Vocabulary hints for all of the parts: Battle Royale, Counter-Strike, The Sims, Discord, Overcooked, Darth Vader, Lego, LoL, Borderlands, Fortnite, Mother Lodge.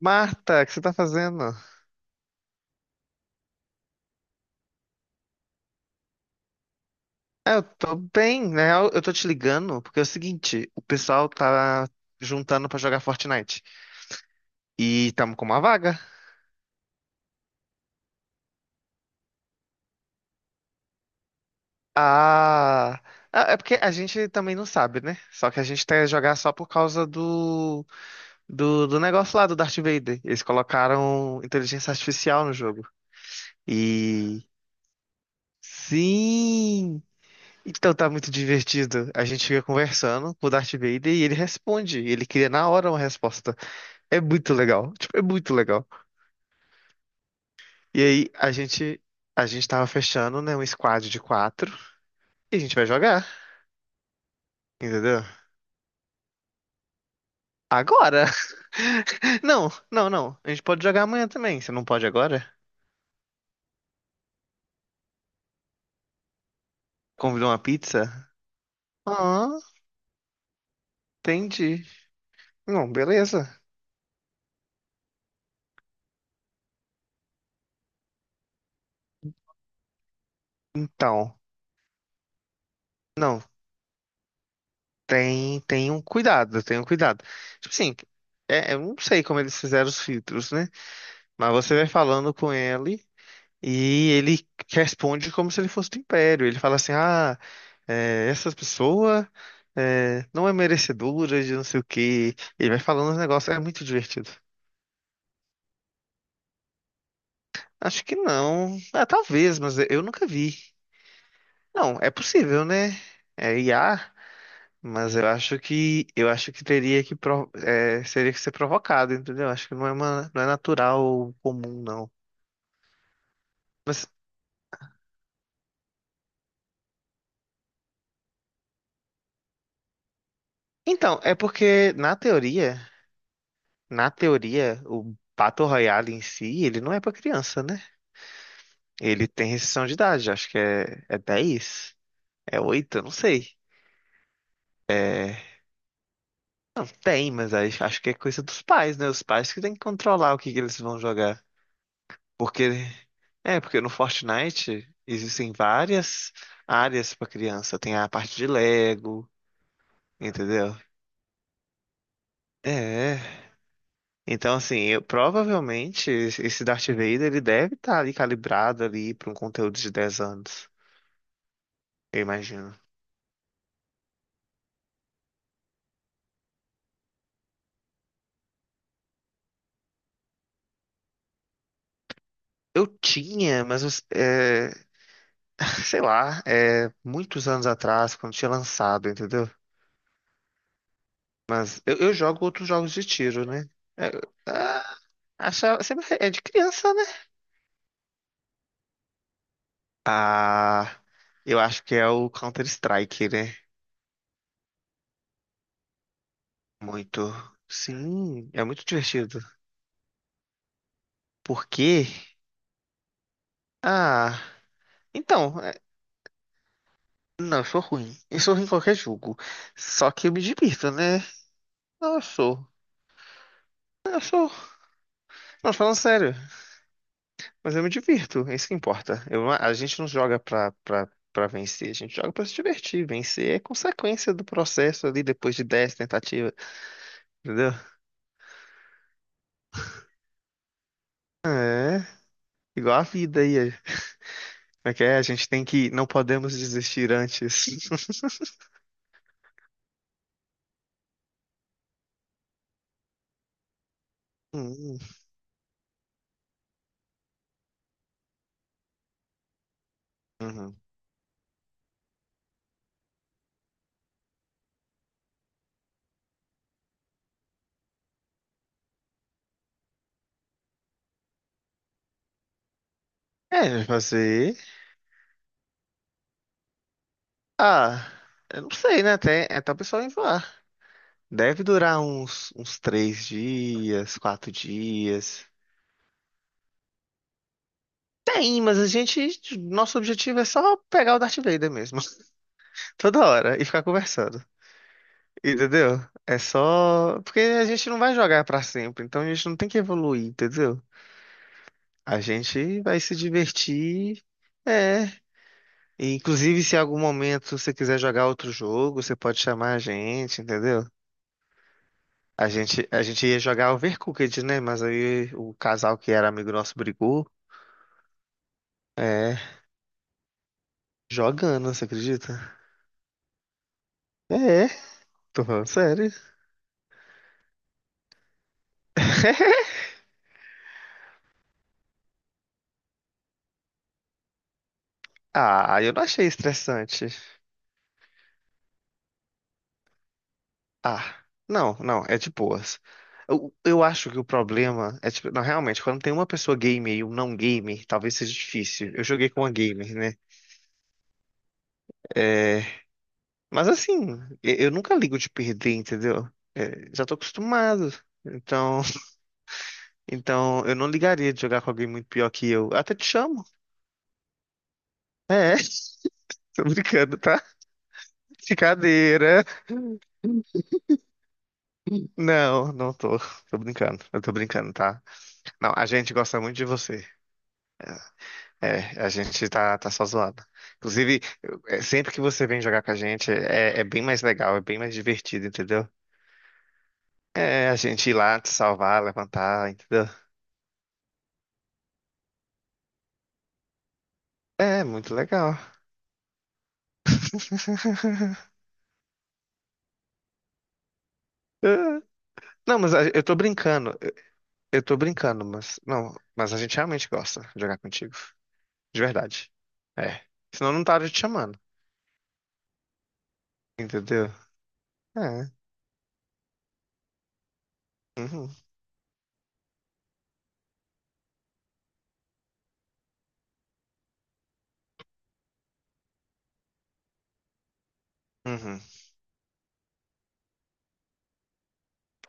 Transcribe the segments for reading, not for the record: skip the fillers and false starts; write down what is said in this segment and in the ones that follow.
Marta, o que você tá fazendo? Ah, eu tô bem, né? Eu tô te ligando porque é o seguinte, o pessoal tá juntando pra jogar Fortnite e tamo com uma vaga. Ah, ah, é porque a gente também não sabe, né? Só que a gente quer jogar só por causa do negócio lá do Darth Vader. Eles colocaram inteligência artificial no jogo. E sim, então tá muito divertido. A gente fica conversando com o Darth Vader e ele responde, ele cria na hora uma resposta. É muito legal, tipo, é muito legal. E aí a gente tava fechando, né, um squad de quatro e a gente vai jogar, entendeu? Agora. Não, não, não. A gente pode jogar amanhã também. Você não pode agora? Convidou uma pizza? Ah, entendi. Não, beleza. Então, não, tem um cuidado, tem um cuidado. Tipo assim, é, eu não sei como eles fizeram os filtros, né? Mas você vai falando com ele e ele responde como se ele fosse do Império. Ele fala assim: "Ah, é, essa pessoa é, não é merecedora de não sei o que." Ele vai falando os negócios, é muito divertido. Acho que não. Ah, talvez, mas eu nunca vi. Não, é possível, né? É IA, mas eu acho que teria que seria que ser provocado, entendeu? Acho que não é uma, não é natural ou comum, não. Mas então, é porque na teoria, o Battle Royale em si, ele não é pra criança, né? Ele tem restrição de idade, acho que é 10. É 8? Eu não sei. Tem, mas acho que é coisa dos pais, né? Os pais que têm que controlar o que que eles vão jogar. Porque, no Fortnite existem várias áreas pra criança. Tem a parte de Lego, entendeu? É. Então, assim, eu, provavelmente esse Darth Vader ele deve estar ali calibrado ali para um conteúdo de 10 anos, eu imagino. Eu tinha, mas é, sei lá, muitos anos atrás, quando tinha lançado, entendeu? Mas eu jogo outros jogos de tiro, né? É, ah, sempre é de criança, né? Ah, eu acho que é o Counter-Strike, né? Muito. Sim, é muito divertido. Porque. Ah, então. Não, eu sou ruim. Eu sou ruim em qualquer jogo. Só que eu me divirto, né? Não, eu sou. Eu sou. Não, falando sério. Mas eu me divirto, é isso que importa. Eu a gente não joga pra, pra vencer, a gente joga pra se divertir. Vencer é consequência do processo ali depois de 10 tentativas, entendeu? É igual a vida aí. Como é que é? A gente tem que. Não podemos desistir antes. Hum, uhum. É, fazer. Ah, eu não sei, né? Até o pessoal enjoar. Deve durar uns 3 dias, 4 dias. Tem, mas a gente. Nosso objetivo é só pegar o Darth Vader mesmo, toda hora e ficar conversando. Entendeu? É só. Porque a gente não vai jogar pra sempre, então a gente não tem que evoluir, entendeu? A gente vai se divertir. É. E, inclusive, se em algum momento você quiser jogar outro jogo, você pode chamar a gente, entendeu? A gente ia jogar Overcooked, né? Mas aí o casal que era amigo nosso brigou. É, jogando, você acredita? É, tô falando sério. Ah, eu não achei estressante. Ah, não, não, é de boas. Eu acho que o problema é, tipo, não, realmente, quando tem uma pessoa gamer e um não gamer, talvez seja difícil. Eu joguei com uma gamer, né? É, mas assim, eu nunca ligo de perder, entendeu? É, já tô acostumado. Então, então, eu não ligaria de jogar com alguém muito pior que eu. Eu até te chamo. É, tô brincando, tá? Brincadeira. Não, não tô. Tô brincando. Eu tô brincando, tá? Não, a gente gosta muito de você. É, a gente tá só zoado. Inclusive, sempre que você vem jogar com a gente, é bem mais legal, é bem mais divertido, entendeu? É, a gente ir lá te salvar, levantar, entendeu? É, muito legal. Não, mas eu tô brincando, eu tô brincando, mas não, mas a gente realmente gosta de jogar contigo, de verdade. É, senão eu não tava te chamando, entendeu? É, uhum, uhum.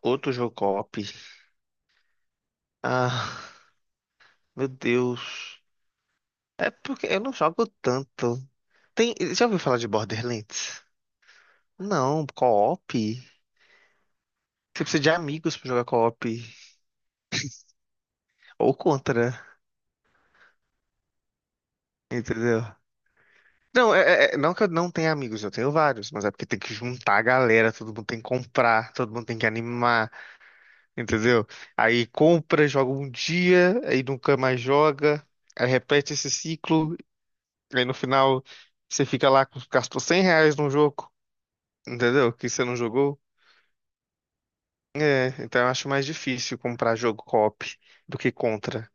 Outro jogo co-op. Ah, meu Deus. É porque eu não jogo tanto. Tem, já ouviu falar de Borderlands? Não, co-op. Você precisa de amigos pra jogar co-op. Ou contra, entendeu? Não, não que eu não tenha amigos, eu tenho vários, mas é porque tem que juntar a galera, todo mundo tem que comprar, todo mundo tem que animar, entendeu? Aí compra, joga um dia, aí nunca mais joga, aí repete esse ciclo, aí no final você fica lá com, gastou R$ 100 num jogo, entendeu? Que você não jogou. Então eu acho mais difícil comprar jogo co-op do que contra,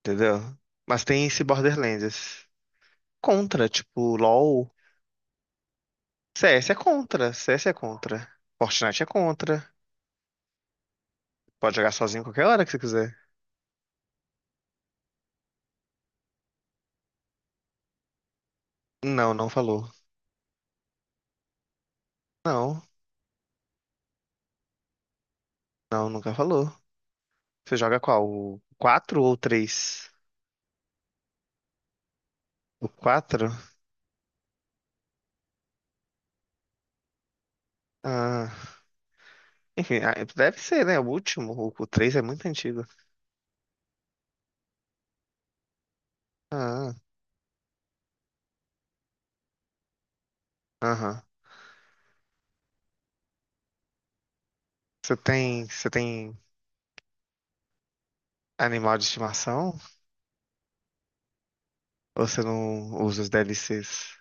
entendeu? Mas tem esse Borderlands. Contra, tipo, LoL. CS é contra, CS é contra. Fortnite é contra. Pode jogar sozinho qualquer hora que você quiser. Não, não falou. Não, não, nunca falou. Você joga qual? O 4 ou o 3? O 4. Ah, enfim, ah, deve ser, né? O último. O 3 é muito antigo. Ah, aham. Você tem animal de estimação? Ou você não usa os DLCs?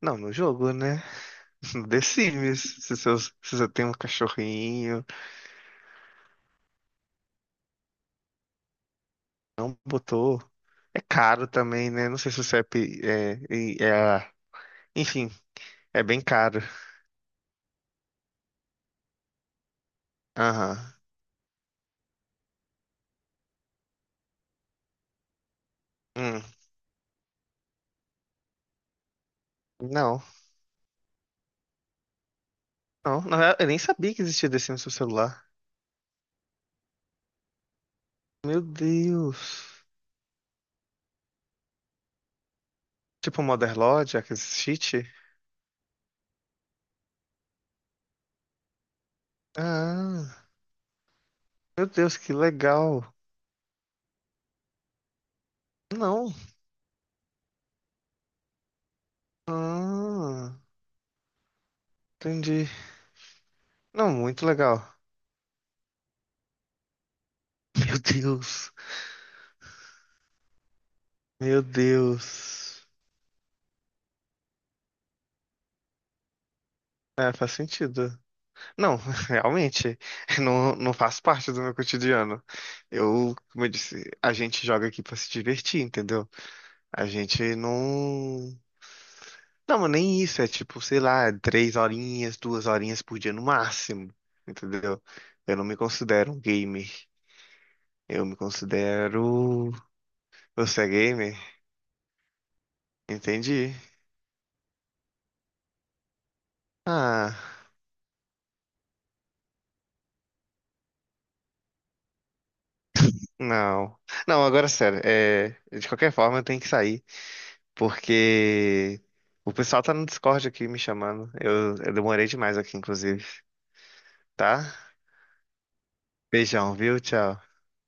Não, no jogo, né? No The Sims. Se você tem um cachorrinho, não botou. É caro também, né? Não sei se o CEP é. Enfim, é bem caro. Aham. Hum. Não. Não, não, eu nem sabia que existia The Sims no celular. Meu Deus. Tipo Mother Lodge, aquele cheat? Ah, meu Deus, que legal. Não. Ah, entendi. Não, muito legal. Meu Deus. Meu Deus. É, faz sentido. Não, realmente, não, não faz parte do meu cotidiano. Eu, como eu disse, a gente joga aqui pra se divertir, entendeu? A gente não. Não, mas nem isso, é tipo, sei lá, 3 horinhas, 2 horinhas por dia no máximo, entendeu? Eu não me considero um gamer. Eu me considero. Você é gamer? Entendi. Ah, não. Não, agora sério, de qualquer forma eu tenho que sair. Porque o pessoal tá no Discord aqui me chamando. Eu demorei demais aqui, inclusive. Tá? Beijão, viu? Tchau.